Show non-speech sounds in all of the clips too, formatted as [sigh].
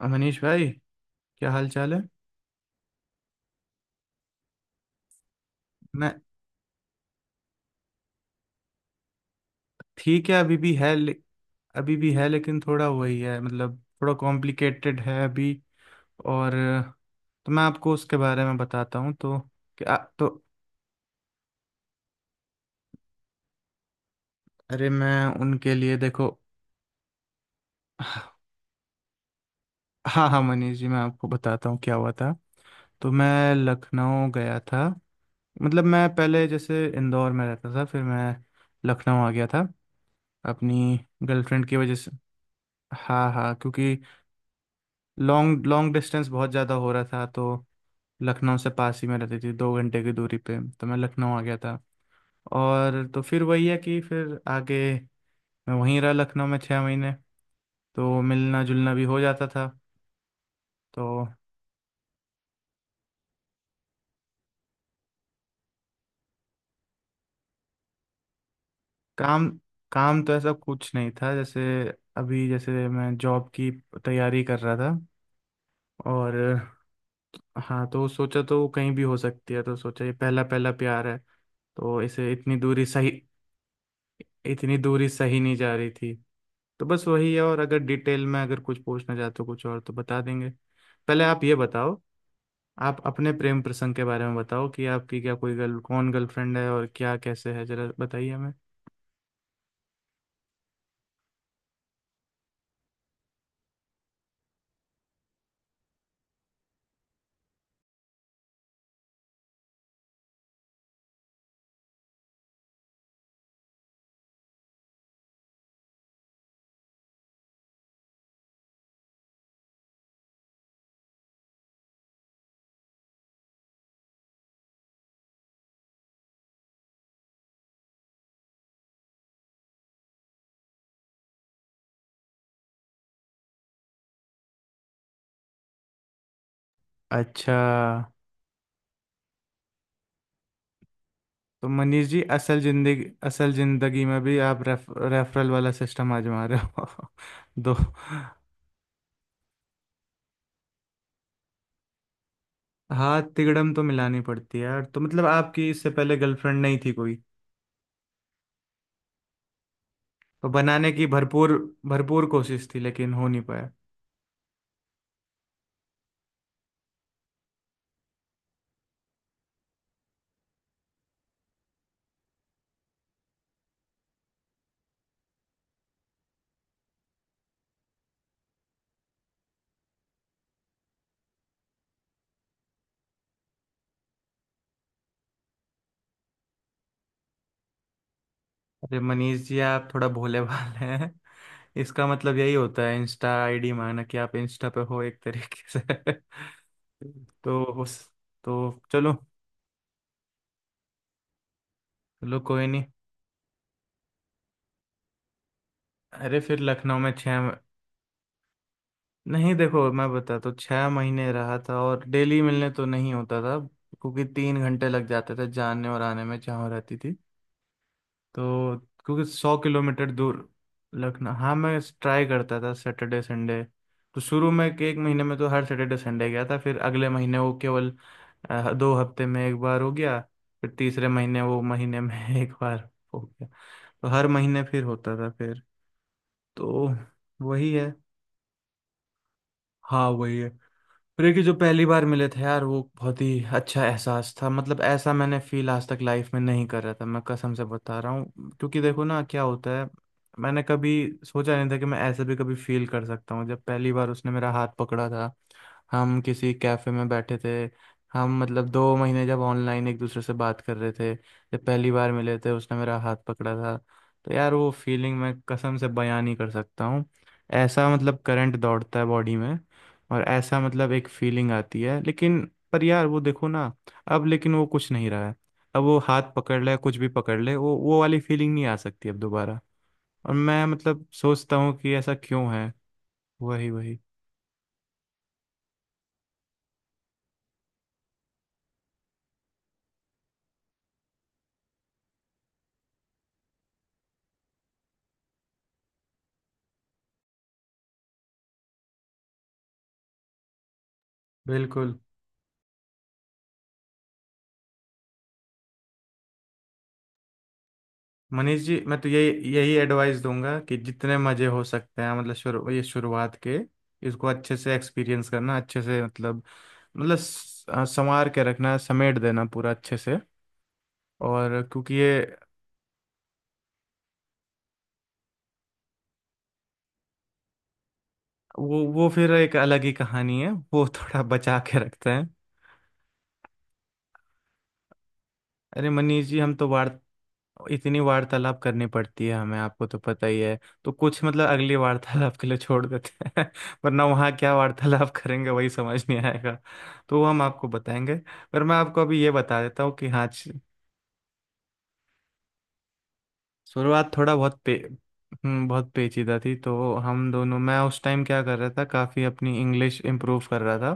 और मनीष भाई, क्या हाल चाल है। मैं। ठीक है। अभी भी है अभी भी है लेकिन थोड़ा वही है। मतलब थोड़ा कॉम्प्लिकेटेड है अभी। और तो मैं आपको उसके बारे में बताता हूँ। तो क्या? तो अरे, मैं उनके लिए देखो। हाँ हाँ, मनीष जी, मैं आपको बताता हूँ क्या हुआ था। तो मैं लखनऊ गया था। मतलब मैं पहले जैसे इंदौर में रहता था, फिर मैं लखनऊ आ गया था अपनी गर्लफ्रेंड की वजह से। हाँ हाँ, क्योंकि लॉन्ग लॉन्ग डिस्टेंस बहुत ज़्यादा हो रहा था, तो लखनऊ से पास ही में रहती थी, 2 घंटे की दूरी पे, तो मैं लखनऊ आ गया था। और तो फिर वही है कि फिर आगे मैं वहीं रहा लखनऊ में 6 महीने, तो मिलना जुलना भी हो जाता था। तो काम, काम तो ऐसा कुछ नहीं था, जैसे अभी जैसे मैं जॉब की तैयारी कर रहा था। और हाँ, तो सोचा तो वो कहीं भी हो सकती है, तो सोचा ये पहला पहला प्यार है, तो इसे इतनी दूरी सही, इतनी दूरी सही नहीं जा रही थी। तो बस वही है, और अगर डिटेल में अगर कुछ पूछना चाहते हो कुछ और, तो बता देंगे। पहले आप ये बताओ, आप अपने प्रेम प्रसंग के बारे में बताओ कि आपकी क्या कोई गर्ल, कौन गर्लफ्रेंड है और क्या कैसे है, जरा बताइए हमें। अच्छा। तो मनीष जी, असल जिंदगी, असल जिंदगी में भी आप रेफरल वाला सिस्टम आजमा रहे हो। [laughs] दो, हाथ तिकड़म तो मिलानी पड़ती है यार। तो मतलब आपकी इससे पहले गर्लफ्रेंड नहीं थी कोई? तो बनाने की भरपूर भरपूर कोशिश थी, लेकिन हो नहीं पाया। अरे मनीष जी, आप थोड़ा भोले भाले हैं। इसका मतलब यही होता है, इंस्टा आईडी माना कि आप इंस्टा पे हो एक तरीके से। तो उस तो चलो, चलो कोई नहीं। अरे फिर लखनऊ में नहीं, देखो, मैं बता तो 6 महीने रहा था, और डेली मिलने तो नहीं होता था। क्योंकि 3 घंटे लग जाते थे जाने और आने में, जहाँ रहती थी। तो क्योंकि 100 किलोमीटर दूर लखनऊ। हाँ, मैं ट्राई करता था सैटरडे संडे। तो शुरू में के एक महीने में तो हर सैटरडे संडे गया था, फिर अगले महीने वो केवल 2 हफ्ते में एक बार हो गया। फिर तीसरे महीने वो महीने में [laughs] एक बार हो गया, तो हर महीने फिर होता था फिर। तो वही है, हाँ वही है। क्योंकि जो पहली बार मिले थे यार, वो बहुत ही अच्छा एहसास था। मतलब ऐसा मैंने फील आज तक लाइफ में नहीं कर रहा था, मैं कसम से बता रहा हूँ। क्योंकि देखो ना क्या होता है, मैंने कभी सोचा नहीं था कि मैं ऐसे भी कभी फील कर सकता हूँ। जब पहली बार उसने मेरा हाथ पकड़ा था, हम किसी कैफे में बैठे थे। हम मतलब 2 महीने जब ऑनलाइन एक दूसरे से बात कर रहे थे, जब पहली बार मिले थे, उसने मेरा हाथ पकड़ा था। तो यार, वो फीलिंग मैं कसम से बयां नहीं कर सकता हूँ। ऐसा मतलब करंट दौड़ता है बॉडी में, और ऐसा मतलब एक फीलिंग आती है, लेकिन पर यार वो देखो ना, अब लेकिन वो कुछ नहीं रहा है। अब वो हाथ पकड़ ले, कुछ भी पकड़ ले, वो वाली फीलिंग नहीं आ सकती अब दोबारा। और मैं मतलब सोचता हूँ कि ऐसा क्यों है। वही वही। बिल्कुल। मनीष जी, मैं तो यही यही एडवाइस दूंगा कि जितने मजे हो सकते हैं, मतलब शुरू, ये शुरुआत के इसको अच्छे से एक्सपीरियंस करना, अच्छे से मतलब, मतलब स- संवार के रखना, समेट देना पूरा अच्छे से। और क्योंकि ये, वो फिर एक अलग ही कहानी है वो। [laughs] थोड़ा बचा के रखते हैं। अरे मनीष जी, हम तो वार इतनी वार्तालाप करनी पड़ती है हमें, आपको तो पता ही है। तो कुछ मतलब अगली वार्तालाप के लिए छोड़ देते हैं। [laughs] वरना वहाँ क्या वार्तालाप करेंगे, वही समझ नहीं आएगा। तो वो हम आपको बताएंगे। पर मैं आपको अभी ये बता देता हूँ कि हाँ, शुरुआत थोड़ा बहुत पेचीदा थी। तो हम दोनों, मैं उस टाइम क्या कर रहा था, काफ़ी अपनी इंग्लिश इम्प्रूव कर रहा था।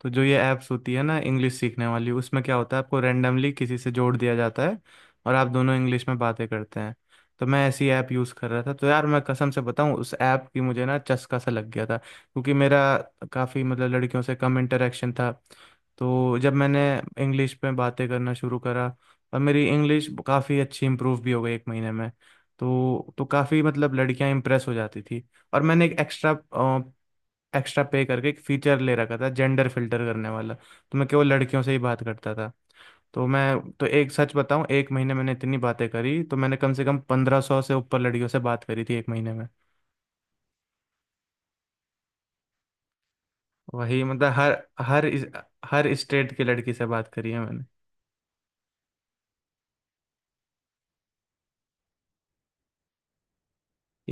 तो जो ये ऐप्स होती है ना इंग्लिश सीखने वाली, उसमें क्या होता है, आपको रैंडमली किसी से जोड़ दिया जाता है और आप दोनों इंग्लिश में बातें करते हैं। तो मैं ऐसी ऐप यूज़ कर रहा था। तो यार मैं कसम से बताऊं, उस ऐप की मुझे ना चस्का सा लग गया था, क्योंकि मेरा काफ़ी मतलब लड़कियों से कम इंटरेक्शन था। तो जब मैंने इंग्लिश में बातें करना शुरू करा, और मेरी इंग्लिश काफ़ी अच्छी इम्प्रूव भी हो गई एक महीने में, तो काफ़ी मतलब लड़कियां इंप्रेस हो जाती थी। और मैंने एक एक्स्ट्रा एक्स्ट्रा पे करके एक फीचर ले रखा था जेंडर फिल्टर करने वाला। तो मैं केवल लड़कियों से ही बात करता था। तो मैं तो एक सच बताऊं, एक महीने मैंने इतनी बातें करी, तो मैंने कम से कम 1500 से ऊपर लड़कियों से बात करी थी एक महीने में। वही मतलब हर हर इस, हर स्टेट की लड़की से बात करी है मैंने।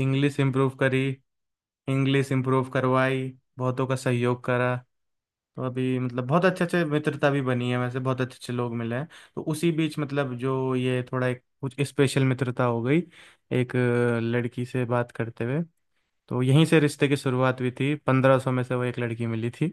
इंग्लिश इम्प्रूव करी, इंग्लिश इम्प्रूव करवाई, बहुतों का सहयोग करा। तो अभी मतलब बहुत अच्छे अच्छे मित्रता भी बनी है, वैसे बहुत अच्छे अच्छे लोग मिले हैं। तो उसी बीच मतलब जो ये थोड़ा एक कुछ स्पेशल मित्रता हो गई एक लड़की से बात करते हुए। तो यहीं से रिश्ते की शुरुआत हुई थी, 1500 में से वो एक लड़की मिली थी।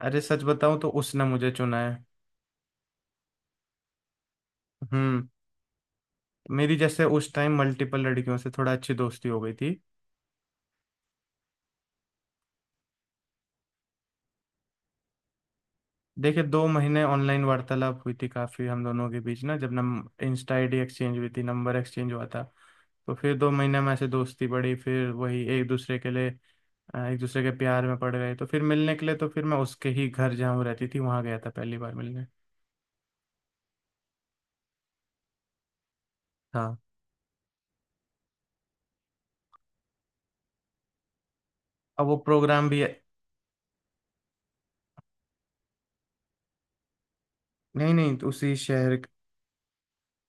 अरे सच बताऊं तो उसने मुझे चुना है। हम्म। मेरी जैसे उस टाइम मल्टीपल लड़कियों से थोड़ा अच्छी दोस्ती हो गई थी। देखिए, दो महीने ऑनलाइन वार्तालाप हुई थी काफ़ी हम दोनों के बीच, ना जब नम इंस्टा आईडी एक्सचेंज हुई थी, नंबर एक्सचेंज हुआ था। तो फिर 2 महीने में ऐसे दोस्ती बढ़ी, फिर वही एक दूसरे के लिए एक दूसरे के प्यार में पड़ गए। तो फिर मिलने के लिए, तो फिर मैं उसके ही घर जहाँ वो रहती थी, वहाँ गया था पहली बार मिलने। हाँ, अब वो प्रोग्राम भी, नहीं नहीं, तो उसी शहर,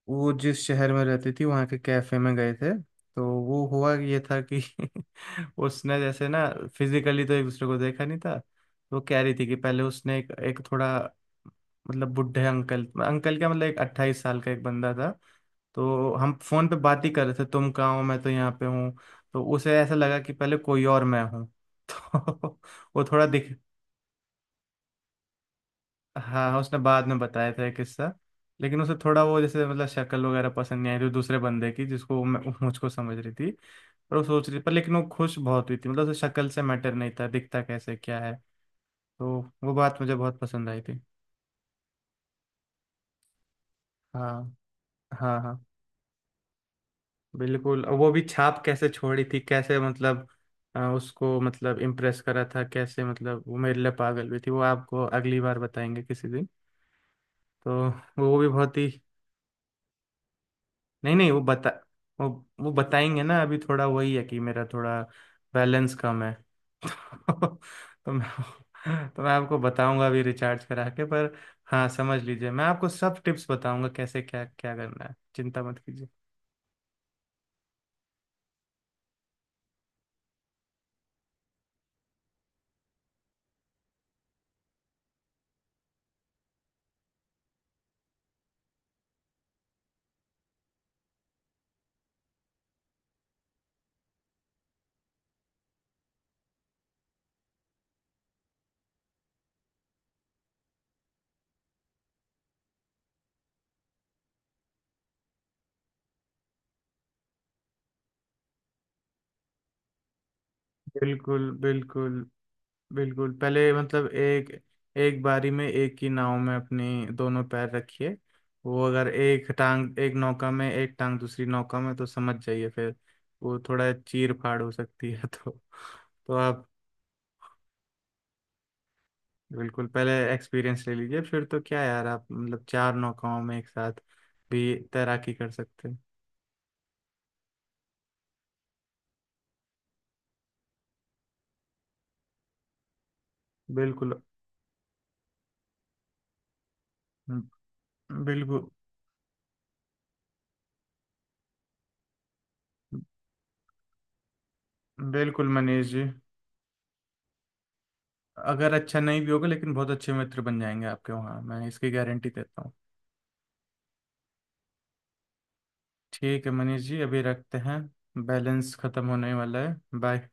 वो जिस शहर में रहती थी वहाँ के कैफे में गए थे। तो वो हुआ ये था कि [laughs] उसने जैसे ना, फिजिकली तो एक दूसरे को देखा नहीं था। तो वो कह रही थी कि पहले उसने एक थोड़ा मतलब बुढ़े अंकल, अंकल क्या मतलब, एक 28 साल का एक बंदा था। तो हम फोन पे बात ही कर रहे थे, तुम कहाँ हो, मैं तो यहाँ पे हूँ। तो उसे ऐसा लगा कि पहले कोई और मैं हूँ। [laughs] तो वो थोड़ा दिख हाँ, उसने बाद में बताया था ये किस्सा। लेकिन उसे थोड़ा वो जैसे मतलब शक्ल वगैरह पसंद नहीं आई थी दूसरे बंदे की, जिसको वो मैं, वो मुझको समझ रही थी। पर वो सोच रही, पर लेकिन वो खुश बहुत हुई थी, मतलब उसे शक्ल से मैटर नहीं था, दिखता कैसे क्या है। तो वो बात मुझे बहुत पसंद आई थी। हाँ हाँ हाँ। बिल्कुल, और वो भी छाप कैसे छोड़ी थी, कैसे मतलब, उसको मतलब इम्प्रेस करा था कैसे, मतलब वो मेरे लिए पागल हुई थी, वो आपको अगली बार बताएंगे किसी दिन। तो वो भी बहुत ही, नहीं नहीं, वो वो बताएंगे ना। अभी थोड़ा वही है कि मेरा थोड़ा बैलेंस कम है। [laughs] तो मैं तो मैं आपको बताऊंगा अभी रिचार्ज करा के। पर हाँ, समझ लीजिए, मैं आपको सब टिप्स बताऊंगा, कैसे क्या क्या करना है, चिंता मत कीजिए। बिल्कुल। बिल्कुल बिल्कुल पहले, मतलब एक, एक बारी में एक ही नाव में अपनी दोनों पैर रखिए। वो अगर एक टांग एक नौका में, एक टांग दूसरी नौका में, तो समझ जाइए, फिर वो थोड़ा चीर फाड़ हो सकती है। [laughs] तो आप, बिल्कुल पहले एक्सपीरियंस ले लीजिए, फिर तो क्या यार, आप मतलब चार नौकाओं में एक साथ भी तैराकी कर सकते हैं। बिल्कुल। हम्म, बिल्कुल। बिल्कुल मनीष जी, अगर अच्छा नहीं भी होगा, लेकिन बहुत अच्छे मित्र बन जाएंगे आपके वहाँ, मैं इसकी गारंटी देता हूँ। ठीक है मनीष जी, अभी रखते हैं, बैलेंस खत्म होने वाला है, बाय।